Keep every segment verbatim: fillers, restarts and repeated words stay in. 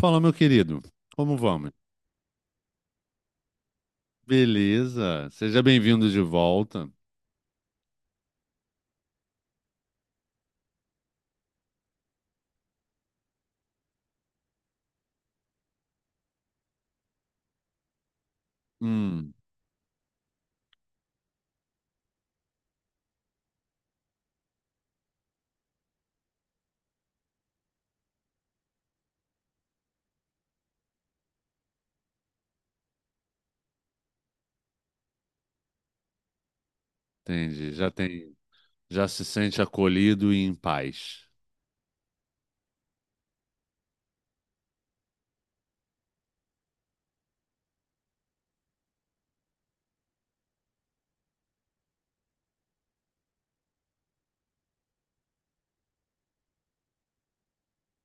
Fala, meu querido. Como vamos? Beleza. Seja bem-vindo de volta. Hum, entendi. Já tem, já se sente acolhido e em paz.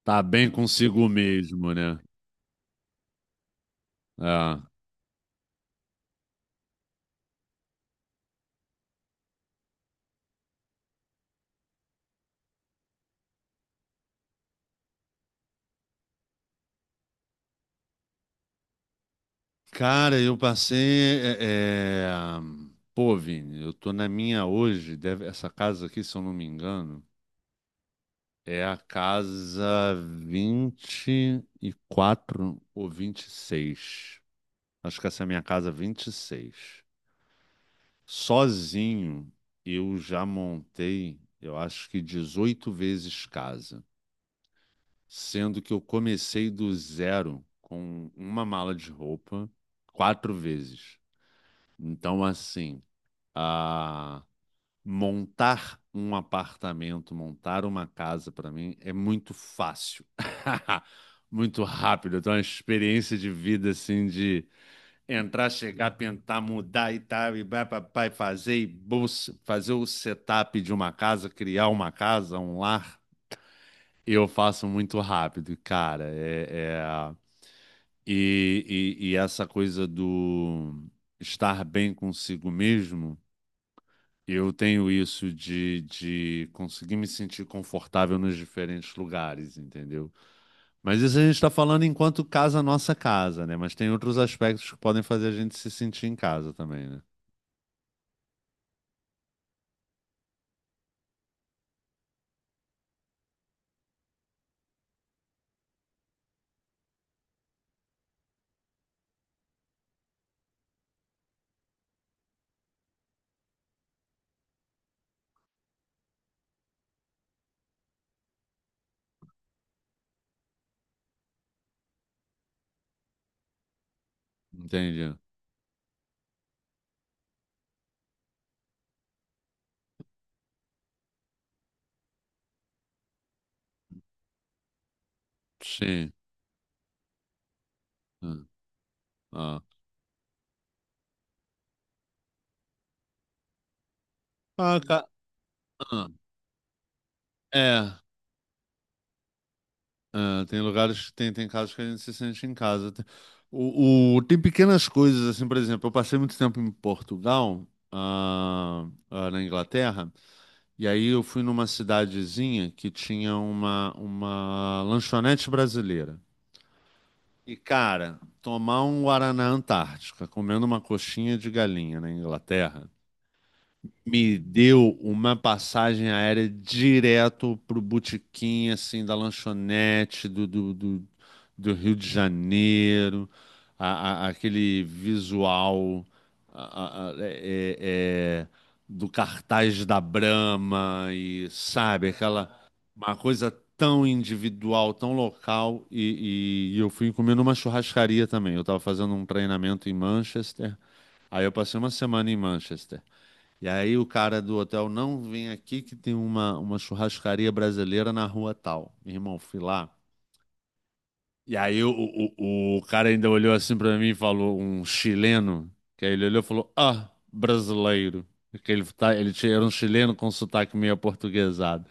Tá bem consigo mesmo, né? Ah. Cara, eu passei. é, é, Pô, Vini, eu tô na minha hoje. deve- Essa casa aqui, se eu não me engano, é a casa vinte e quatro ou vinte e seis. Acho que essa é a minha casa vinte e seis. Sozinho, eu já montei, eu acho que dezoito vezes casa, sendo que eu comecei do zero com uma mala de roupa quatro vezes. Então, assim, a montar um apartamento, montar uma casa para mim é muito fácil, muito rápido. Então, é uma experiência de vida assim de entrar, chegar, pintar, mudar e tal, e vai pra pai fazer, e bolsa- fazer o setup de uma casa, criar uma casa, um lar, eu faço muito rápido, cara. É, é- E, e, e essa coisa do estar bem consigo mesmo, eu tenho isso de, de conseguir me sentir confortável nos diferentes lugares, entendeu? Mas isso a gente está falando enquanto casa nossa casa, né? Mas tem outros aspectos que podem fazer a gente se sentir em casa também, né? Entendi. Sim. Hum. Ah, ah, ca- ah, é. é, tem lugares, tem, tem casos que a gente se sente em casa. Tem- O, o- tem pequenas coisas, assim, por exemplo, eu passei muito tempo em Portugal, ah, ah, na Inglaterra, e aí eu fui numa cidadezinha que tinha uma, uma lanchonete brasileira. E, cara, tomar um Guaraná Antártica comendo uma coxinha de galinha na Inglaterra. Me deu uma passagem aérea direto pro botequim, assim, da lanchonete do, do, do, do Rio de Janeiro, a- a- aquele visual a- a- é- é- é, do cartaz da Brahma e, sabe, aquela uma coisa tão individual, tão local, e, e- e eu fui comer numa churrascaria também. Eu estava fazendo um treinamento em Manchester, aí eu passei uma semana em Manchester. E aí o cara do hotel, não, vem aqui que tem uma, uma churrascaria brasileira na rua tal. Meu irmão, fui lá. E aí o, o, o cara ainda olhou assim pra mim e falou, um chileno, que aí ele olhou e falou, ah, brasileiro. Porque ele, tá, ele tinha- era um chileno com sotaque meio aportuguesado.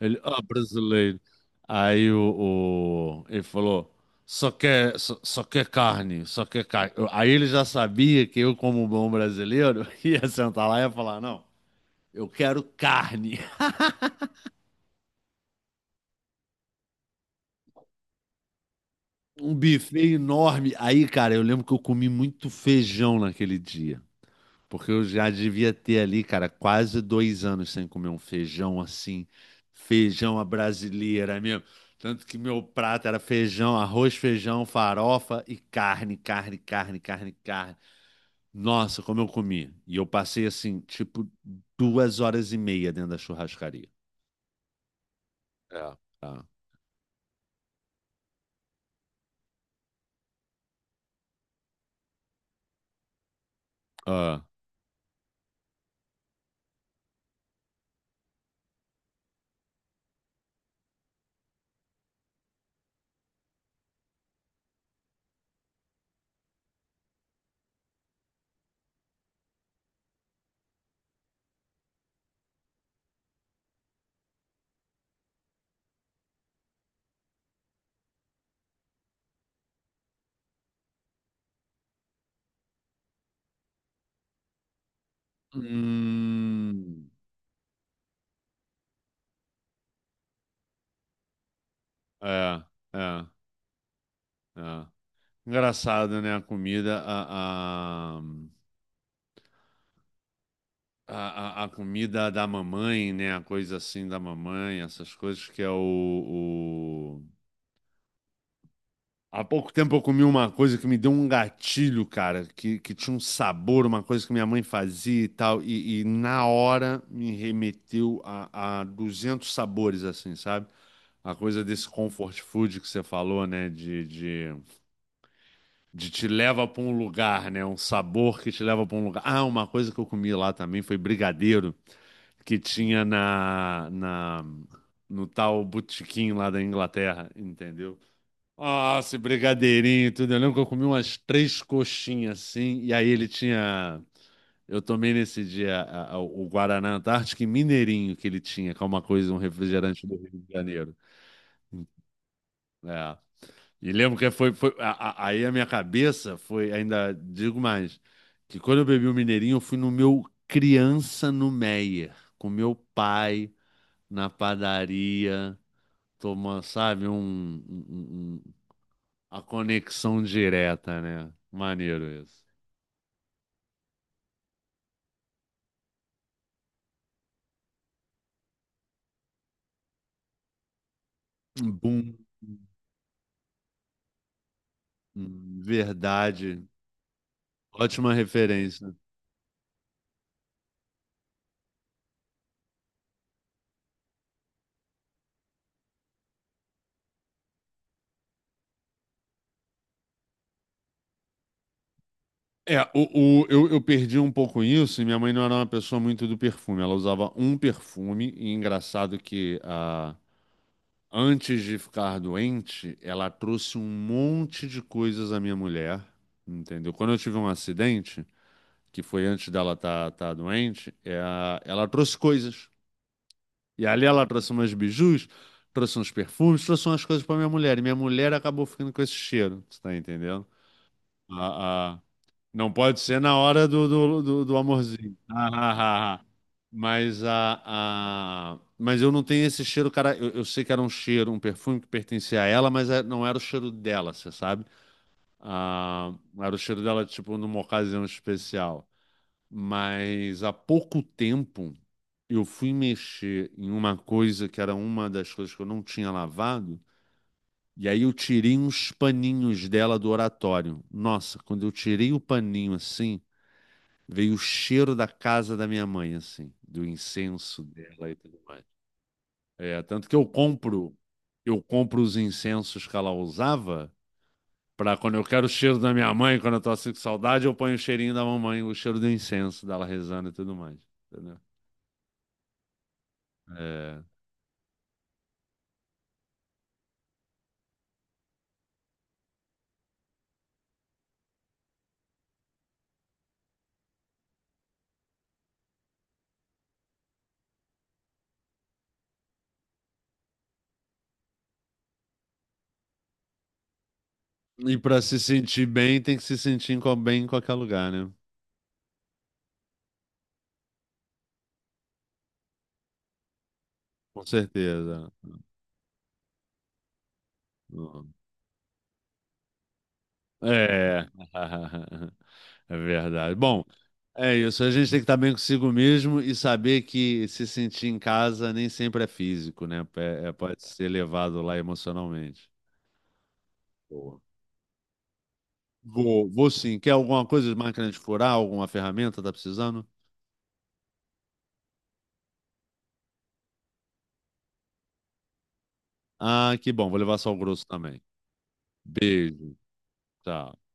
Ele, ah, brasileiro. Aí o, o- ele falou, só quer, só, só quer carne, só quer carne. Eu- Aí ele já sabia que eu, como bom brasileiro, ia sentar lá e ia falar, não. Eu quero carne. Um buffet enorme. Aí, cara, eu lembro que eu comi muito feijão naquele dia. Porque eu já devia ter ali, cara, quase dois anos sem comer um feijão assim. Feijão à brasileira mesmo. Tanto que meu prato era feijão, arroz, feijão, farofa e carne, carne, carne, carne, carne. Nossa, como eu comi. E eu passei assim, tipo, duas horas e meia dentro da churrascaria. É. Tá? Ah. Hum. É, é, é. Engraçado, né? A comida, a, a, a, a- comida da mamãe, né? A coisa assim da mamãe, essas coisas que é o, o- Há pouco tempo eu comi uma coisa que me deu um gatilho, cara, que, que tinha um sabor, uma coisa que minha mãe fazia e tal, e, e na hora me remeteu a, a duzentos sabores, assim, sabe? A coisa desse comfort food que você falou, né? De, de de te leva para um lugar, né? Um sabor que te leva para um lugar. Ah, uma coisa que eu comi lá também foi brigadeiro que tinha na, na no tal botequim lá da Inglaterra, entendeu? Ah, esse brigadeirinho, e tudo. Eu lembro que eu comi umas três coxinhas assim, e aí ele tinha. Eu tomei nesse dia a- a- o Guaraná Antártico e Mineirinho que ele tinha, que é uma coisa, um refrigerante do Rio de Janeiro. É. E lembro que foi, foi a- a- aí a minha cabeça foi, ainda digo mais, que quando eu bebi o Mineirinho, eu fui no meu criança no Meyer, com meu pai na padaria, tomando, sabe, um, um- um- a conexão direta, né? Maneiro isso. Bum, hum, verdade. Ótima referência. É, o, o- eu, eu perdi um pouco isso e minha mãe não era uma pessoa muito do perfume. Ela usava um perfume, e engraçado que a antes de ficar doente, ela trouxe um monte de coisas à minha mulher, entendeu? Quando eu tive um acidente, que foi antes dela estar tá, tá doente, é ela trouxe coisas. E ali ela trouxe umas bijus, trouxe uns perfumes, trouxe umas coisas para minha mulher. E minha mulher acabou ficando com esse cheiro, você tá entendendo? A, não pode ser na hora do, do, do, do amorzinho. Ah, ah, ah, ah. Mas, a, a... mas eu não tenho esse cheiro, cara. Eu, eu sei que era um cheiro, um perfume que pertencia a ela, mas é- não era o cheiro dela, você sabe? Ah, era o cheiro dela, tipo, numa ocasião especial. Mas há pouco tempo eu fui mexer em uma coisa que era uma das coisas que eu não tinha lavado. E aí eu tirei uns paninhos dela do oratório. Nossa, quando eu tirei o paninho assim. Veio o cheiro da casa da minha mãe, assim, do incenso dela e tudo mais. É, tanto que eu compro, eu compro os incensos que ela usava para quando eu quero o cheiro da minha mãe, quando eu tô assim com saudade, eu ponho o cheirinho da mamãe, o cheiro do incenso dela rezando e tudo mais. Entendeu? É. E para se sentir bem, tem que se sentir em co- bem em qualquer lugar, né? Com certeza. É, é verdade. Bom, é isso. A gente tem que estar bem consigo mesmo e saber que se sentir em casa nem sempre é físico, né? É- é- pode ser levado lá emocionalmente. Boa. Vou, vou sim. Quer alguma coisa de máquina de furar? Alguma ferramenta? Tá precisando? Ah, que bom. Vou levar sal grosso também. Beijo. Tchau.